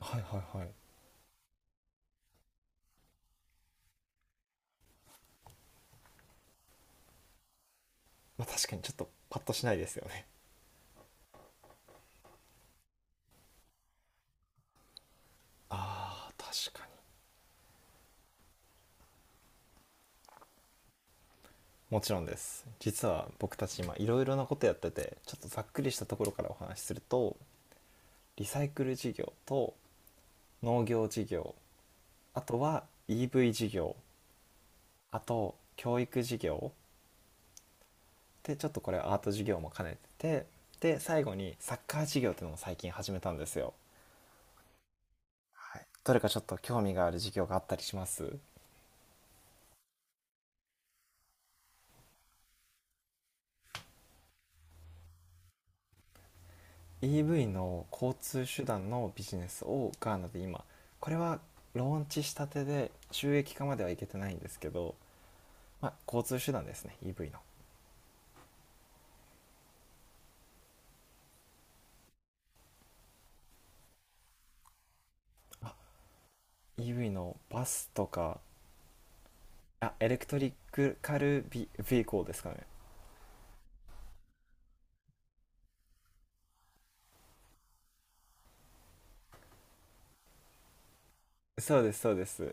はいはいはい。まあ、確かにちょっとパッとしないですよね。ああ、確かに。もちろんです。実は僕たち今いろいろなことやってて、ちょっとざっくりしたところからお話しすると、リサイクル事業と農業事業、あとは EV 事業、あと教育事業でちょっとこれアート事業も兼ねてて、で最後にサッカー事業っていうのも最近始めたんですよ。はい。どれかちょっと興味がある事業があったりします？ EV の交通手段のビジネスをガーナで今これはローンチしたてで収益化まではいけてないんですけど、まあ、交通手段ですね、 EV の。 EV のバスとか、あエレクトリックカルビビーコーですかね。そうですそうです。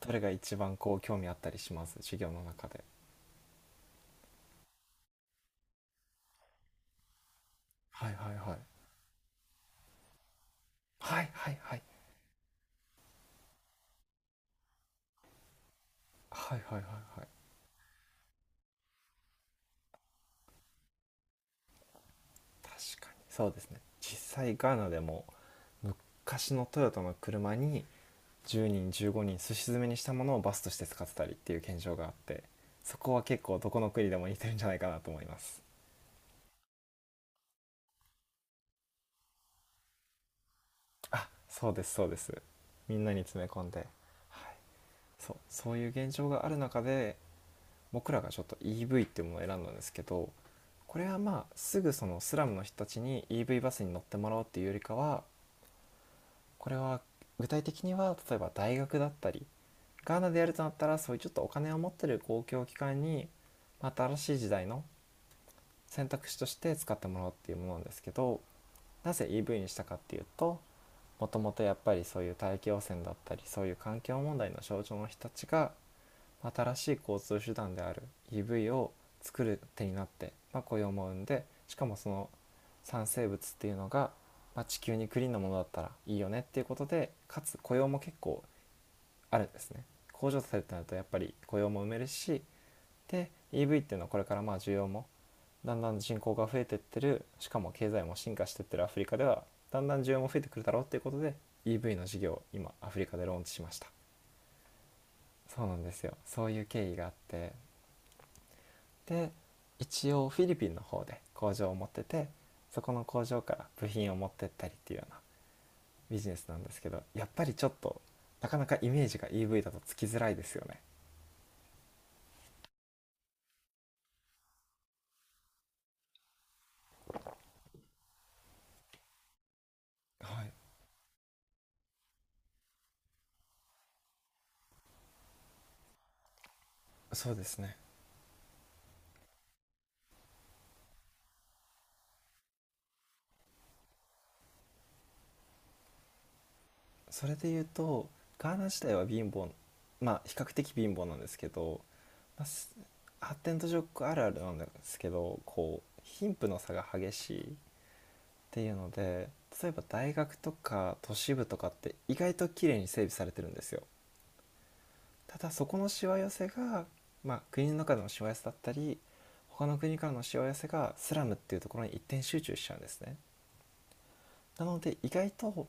どれが一番こう興味あったりします、授業の中で？はいはいはい。はいはいはいはいはい。はいはい。確かにそうですね。実際ガーナでも昔のトヨタの車に10人15人すし詰めにしたものをバスとして使ってたりっていう現象があって、そこは結構どこの国でも似てるんじゃないかなと思います。あ、そうですそうです。みんなに詰め込んで、はい、そうそういう現状がある中で僕らがちょっと EV っていうものを選んだんですけど、これはまあすぐそのスラムの人たちに EV バスに乗ってもらおうっていうよりかは、これは具体的には例えば大学だったり、ガーナでやるとなったらそういうちょっとお金を持ってる公共機関にまた新しい時代の選択肢として使ってもらおうっていうものなんですけど、なぜ EV にしたかっていうと、もともとやっぱりそういう大気汚染だったりそういう環境問題の症状の人たちが新しい交通手段である EV を作る手になって、まあ、雇用も生んでしかもその産生物っていうのが、まあ、地球にクリーンなものだったらいいよねっていうことで、かつ雇用も結構あるんですね。工場されてなるとやっぱり雇用も埋めるし、で EV っていうのはこれからまあ需要もだんだん人口が増えてってるしかも経済も進化してってるアフリカではだんだん需要も増えてくるだろうっていうことで EV の事業を今アフリカでローンチしました。そうなんですよ、そういう経緯があって、で一応フィリピンの方で工場を持ってて、そこの工場から部品を持ってったりっていうようなビジネスなんですけど、やっぱりちょっとなかなかイメージが EV だとつきづらいですよね。はい、そうですね。それで言うと、ガーナ自体は貧乏、まあ比較的貧乏なんですけど、まあ、発展途上国あるあるなんですけどこう貧富の差が激しいっていうので、例えば大学とか都市部とかって意外と綺麗に整備されてるんですよ。ただそこのしわ寄せが、まあ、国の中でのしわ寄せだったり他の国からのしわ寄せがスラムっていうところに一点集中しちゃうんですね。なので意外と、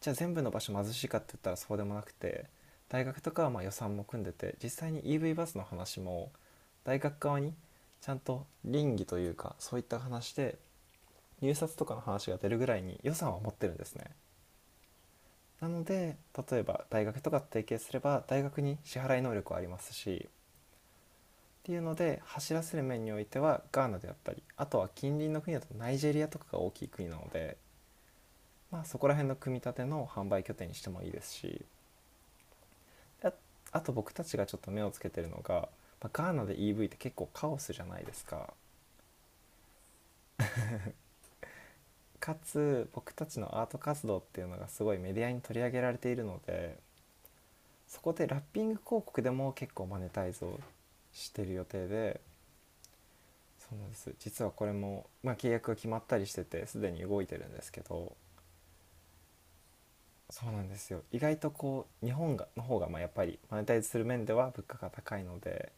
じゃあ全部の場所貧しいかって言ったらそうでもなくて、大学とかはまあ予算も組んでて、実際に EV バスの話も大学側にちゃんと倫理というかそういった話で入札とかの話が出るぐらいに予算は持ってるんですね。なので例えば大学とか提携すれば大学に支払い能力はありますし、っていうので走らせる面においてはガーナであったり、あとは近隣の国だとナイジェリアとかが大きい国なので、まあ、そこら辺の組み立ての販売拠点にしてもいいですし、あ、あと僕たちがちょっと目をつけてるのが、まあ、ガーナで EV って結構カオスじゃないですか、かつ僕たちのアート活動っていうのがすごいメディアに取り上げられているので、そこでラッピング広告でも結構マネタイズをしてる予定で、そうなんです、実はこれも、まあ、契約が決まったりしててすでに動いてるんですけど、そうなんですよ、意外とこう日本がの方がまあやっぱりマネタイズする面では物価が高いので、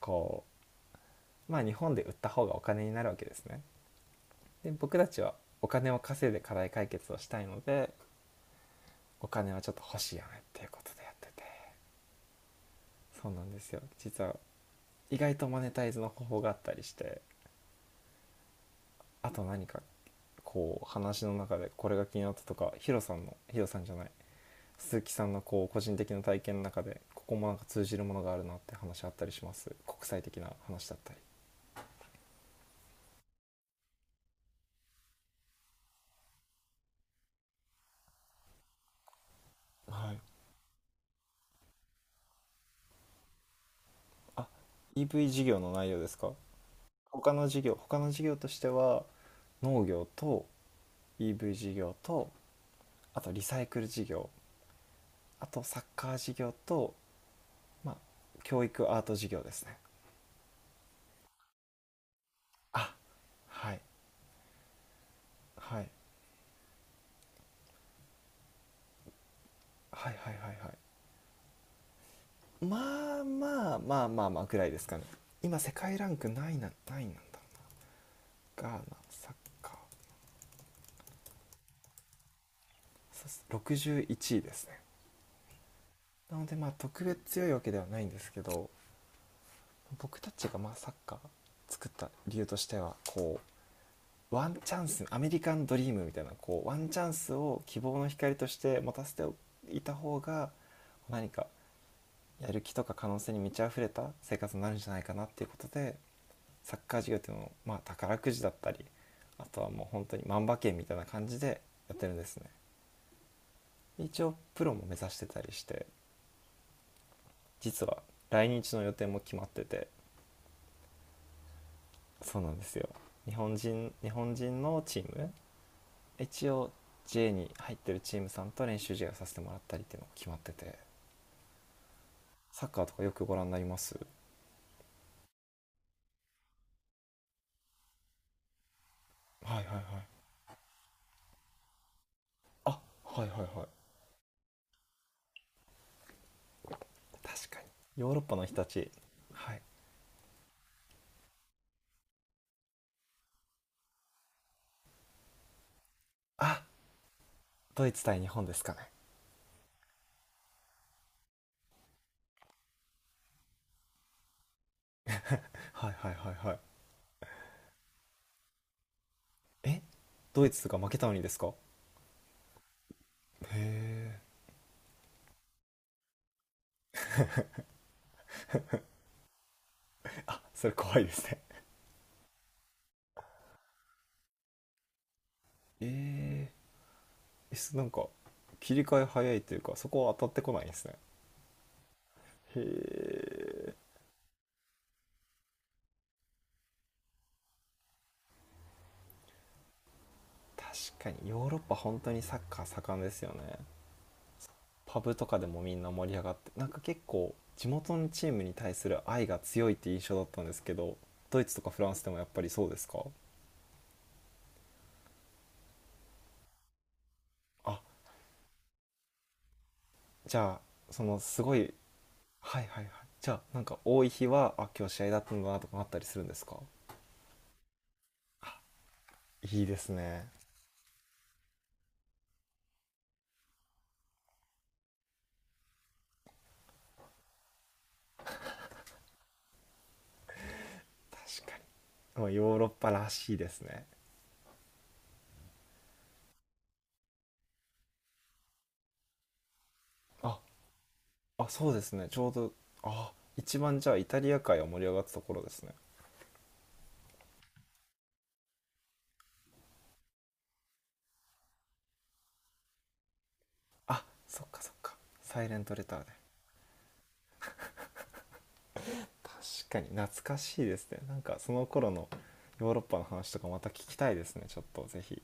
こうまあ日本で売った方がお金になるわけですね。で僕たちはお金を稼いで課題解決をしたいので、お金はちょっと欲しいよねっていうことでやってて、そうなんですよ、実は意外とマネタイズの方法があったりして、あと何かこう話の中でこれが気になったとか、ヒロさんのヒロさんじゃない鈴木さんのこう個人的な体験の中でここもなんか通じるものがあるなって話あったりします、国際的な話だったり？はい、あ、 EV 事業の内容ですか？他の事業としては農業と EV 事業と、あとリサイクル事業、あとサッカー事業と、まあ、教育アート事業ですね。あ、はいはい。はいはいはい。はい、まあまあまあまあまあぐらいですかね。今世界ランクないな、ないなんだろうな、ガーナサッカー。そうです、61位ですね。なのでまあ特別強いわけではないんですけど、僕たちがまあサッカー作った理由としては、こ、ワンチャンス、アメリカンドリームみたいなこうワンチャンスを希望の光として持たせていた方が何かやる気とか可能性に満ち溢れた生活になるんじゃないかなっていうことで、サッカー事業っていうのを、まあ、宝くじだったり、あとはもう本当に万馬券みたいな感じでやってるんですね。一応プロも目指してたりして、実は来日の予定も決まってて、そうなんですよ。日本人のチーム、一応 J に入ってるチームさんと練習試合をさせてもらったりっていうのが決まってて。サッカーとかよくご覧になります？はいはいはい。あ、はいはいはい。確かに。ヨーロッパの人たち、はい。あ、ドイツ対日本ですかね。はいはいはいはい。え、ドイツが負けたのにですか？へえ、それ怖いですね。えー、え、す、なんか切り替え早いというかそこは当たってこないんですね。へえ。確かにヨーロッパ本当にサッカー盛んですよね。パブとかでもみんな盛り上がって、なんか結構地元のチームに対する愛が強いって印象だったんですけど、ドイツとかフランスでもやっぱりそうですか？あ、じゃあそのすごい、はいはいはい。じゃあなんか多い日はあ、今日試合だったんだなとかあったりするんですか？いいですね。確かに、まあヨーロッパらしいですね。ああ、そうですね、ちょうど、あ、一番じゃあイタリア界は盛り上がったところですね。あ、そっかそっか。サイレントレターで。確かに懐かしいですね、なんかその頃のヨーロッパの話とかまた聞きたいですね、ちょっとぜひ。